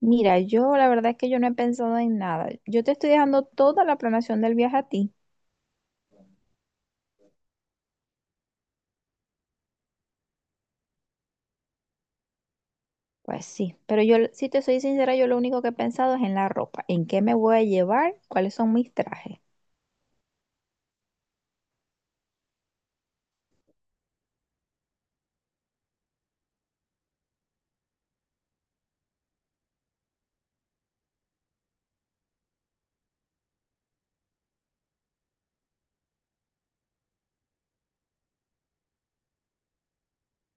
Mira, yo la verdad es que yo no he pensado en nada. Yo te estoy dejando toda la planeación del viaje a ti. Pues sí, pero yo, si te soy sincera, yo lo único que he pensado es en la ropa, en qué me voy a llevar, cuáles son mis trajes.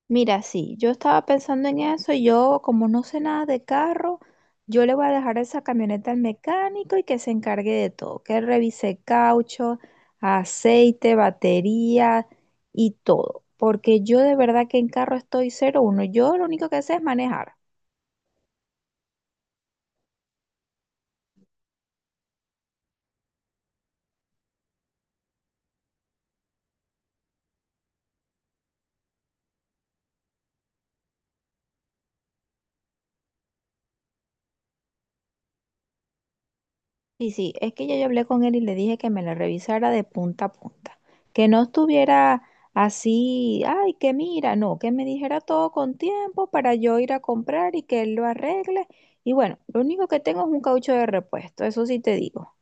Mira, sí, yo estaba pensando en eso y yo, como no sé nada de carro, yo le voy a dejar esa camioneta al mecánico y que se encargue de todo, que revise caucho, aceite, batería y todo, porque yo de verdad que en carro estoy cero uno. Yo lo único que sé es manejar. Sí, sí, es que ya yo hablé con él y le dije que me la revisara de punta a punta, que no estuviera así, ay, que mira, no, que me dijera todo con tiempo para yo ir a comprar y que él lo arregle. Y bueno, lo único que tengo es un caucho de repuesto, eso sí te digo.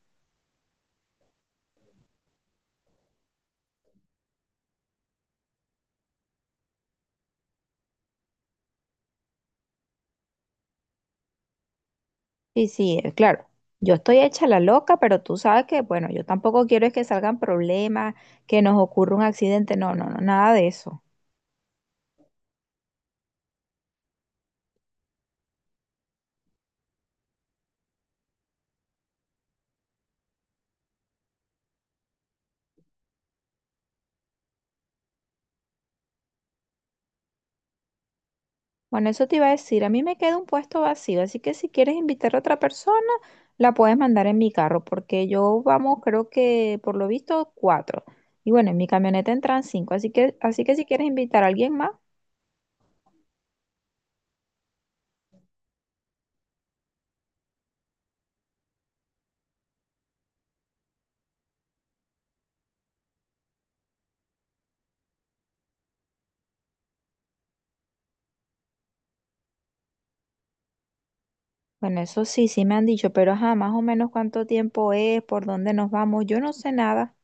Sí, sí, claro, yo estoy hecha la loca, pero tú sabes que, bueno, yo tampoco quiero es que salgan problemas, que nos ocurra un accidente, no, no, no, nada de eso. Bueno, eso te iba a decir, a mí me queda un puesto vacío, así que si quieres invitar a otra persona, la puedes mandar en mi carro, porque yo vamos, creo que por lo visto cuatro. Y bueno, en mi camioneta entran cinco, así que si quieres invitar a alguien más, bueno, eso sí, sí me han dicho, pero ajá, más o menos cuánto tiempo es, por dónde nos vamos, yo no sé nada.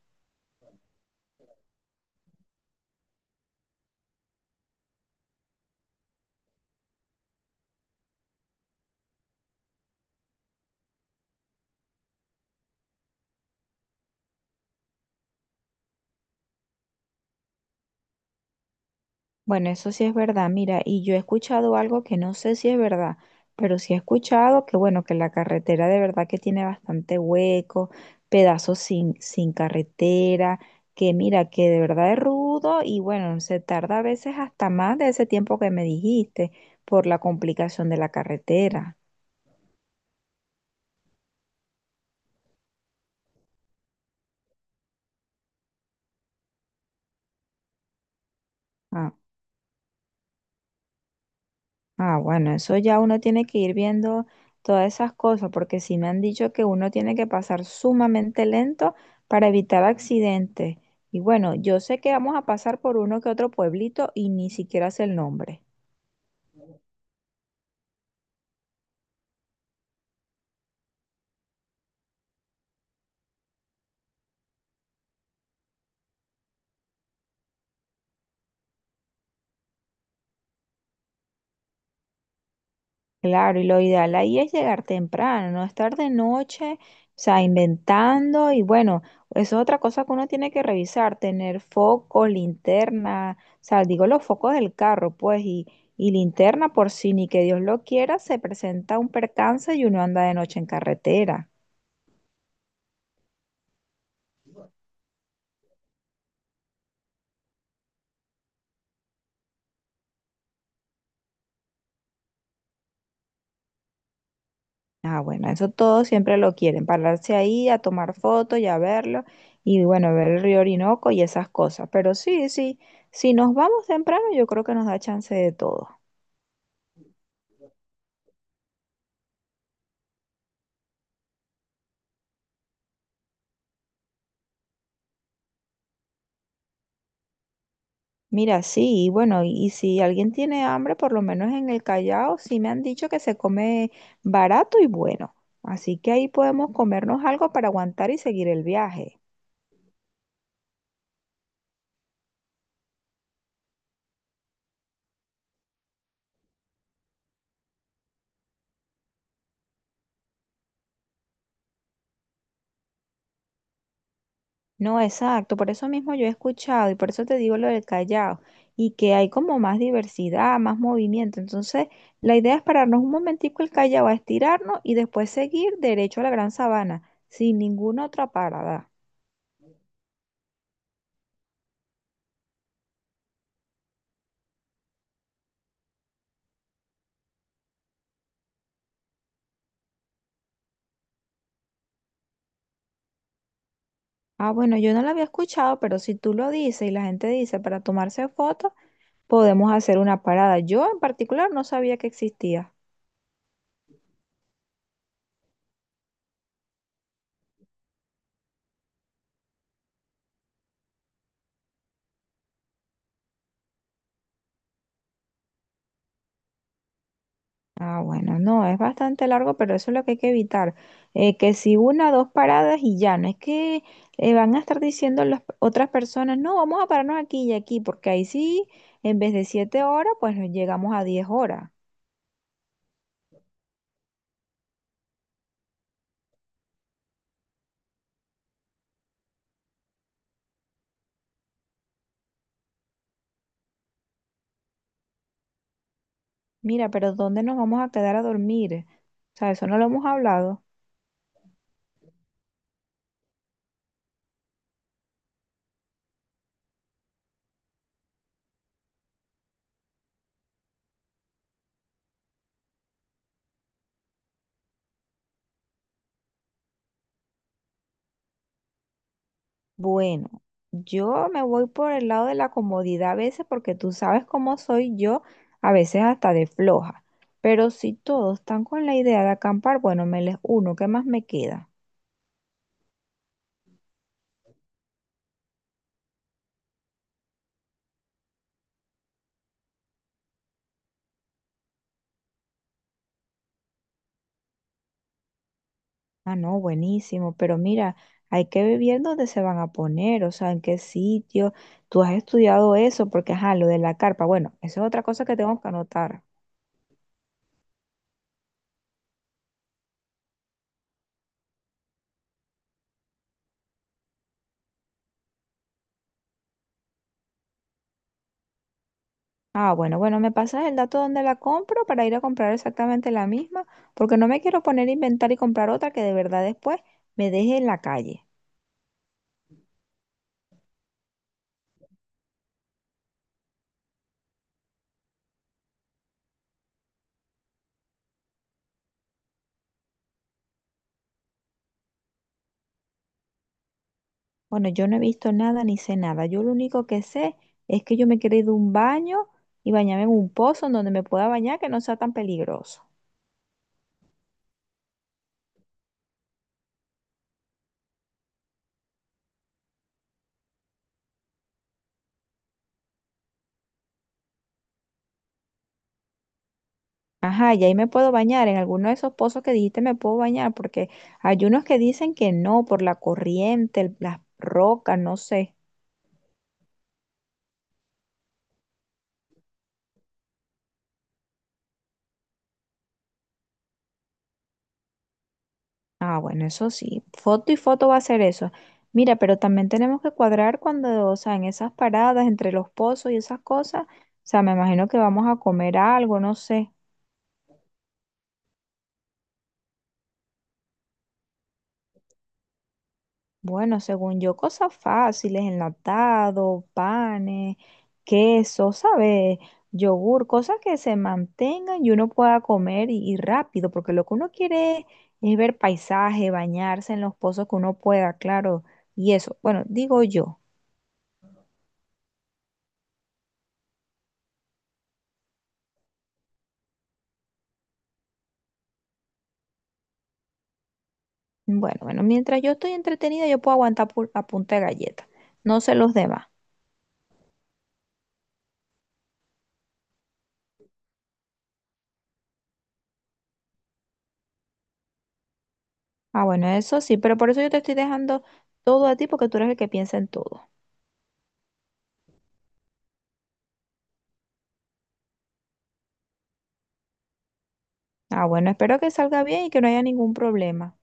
Bueno, eso sí es verdad. Mira, y yo he escuchado algo que no sé si es verdad, pero sí he escuchado que, bueno, que la carretera de verdad que tiene bastante hueco, pedazos sin carretera, que mira, que de verdad es rudo y bueno, se tarda a veces hasta más de ese tiempo que me dijiste por la complicación de la carretera. Ah. Ah, bueno, eso ya uno tiene que ir viendo todas esas cosas, porque sí me han dicho que uno tiene que pasar sumamente lento para evitar accidentes. Y bueno, yo sé que vamos a pasar por uno que otro pueblito y ni siquiera sé el nombre. Claro, y lo ideal ahí es llegar temprano, no estar de noche, o sea, inventando y bueno, eso es otra cosa que uno tiene que revisar, tener foco, linterna, o sea, digo los focos del carro, pues, y linterna por si ni que Dios lo quiera, se presenta un percance y uno anda de noche en carretera. Ah, bueno, eso todos siempre lo quieren, pararse ahí a tomar fotos y a verlo y bueno, ver el río Orinoco y esas cosas, pero sí, sí, si nos vamos temprano yo creo que nos da chance de todo. Mira, sí, y bueno, y si alguien tiene hambre, por lo menos en el Callao, sí me han dicho que se come barato y bueno. Así que ahí podemos comernos algo para aguantar y seguir el viaje. No, exacto, por eso mismo yo he escuchado y por eso te digo lo del Callao, y que hay como más diversidad, más movimiento. Entonces, la idea es pararnos un momentico el Callao a estirarnos y después seguir derecho a la Gran Sabana, sin ninguna otra parada. Ah, bueno, yo no la había escuchado, pero si tú lo dices y la gente dice para tomarse fotos, podemos hacer una parada. Yo en particular no sabía que existía. Ah, bueno, no, es bastante largo, pero eso es lo que hay que evitar. Que si una, dos paradas y ya, no es que van a estar diciendo las otras personas, no, vamos a pararnos aquí y aquí, porque ahí sí, en vez de 7 horas, pues nos llegamos a 10 horas. Mira, pero ¿dónde nos vamos a quedar a dormir? O sea, eso no lo hemos hablado. Bueno, yo me voy por el lado de la comodidad a veces porque tú sabes cómo soy yo, a veces hasta de floja. Pero si todos están con la idea de acampar, bueno, me les uno, ¿qué más me queda? Ah, no, buenísimo, pero mira, hay que ver bien dónde se van a poner, o sea, en qué sitio. Tú has estudiado eso porque, ajá, lo de la carpa, bueno, eso es otra cosa que tengo que anotar. Ah, bueno, bueno, me pasas el dato donde la compro para ir a comprar exactamente la misma, porque no me quiero poner a inventar y comprar otra que de verdad después me deje en la calle. Bueno, yo no he visto nada ni sé nada. Yo lo único que sé es que yo me quiero ir de un baño y bañarme en un pozo en donde me pueda bañar que no sea tan peligroso. Ajá, y ahí me puedo bañar. En alguno de esos pozos que dijiste me puedo bañar, porque hay unos que dicen que no, por la corriente, las rocas, no sé. Ah, bueno, eso sí, foto y foto va a ser eso. Mira, pero también tenemos que cuadrar cuando, o sea, en esas paradas, entre los pozos y esas cosas, o sea, me imagino que vamos a comer algo, no sé. Bueno, según yo, cosas fáciles, enlatado, panes, queso, ¿sabes? Yogur, cosas que se mantengan y uno pueda comer y rápido, porque lo que uno quiere es ver paisaje, bañarse en los pozos que uno pueda, claro, y eso, bueno, digo yo. Bueno, bueno, mientras yo estoy entretenida, yo puedo aguantar a punta de galleta. No sé los demás. Ah, bueno, eso sí, pero por eso yo te estoy dejando todo a ti porque tú eres el que piensa en todo. Ah, bueno, espero que salga bien y que no haya ningún problema.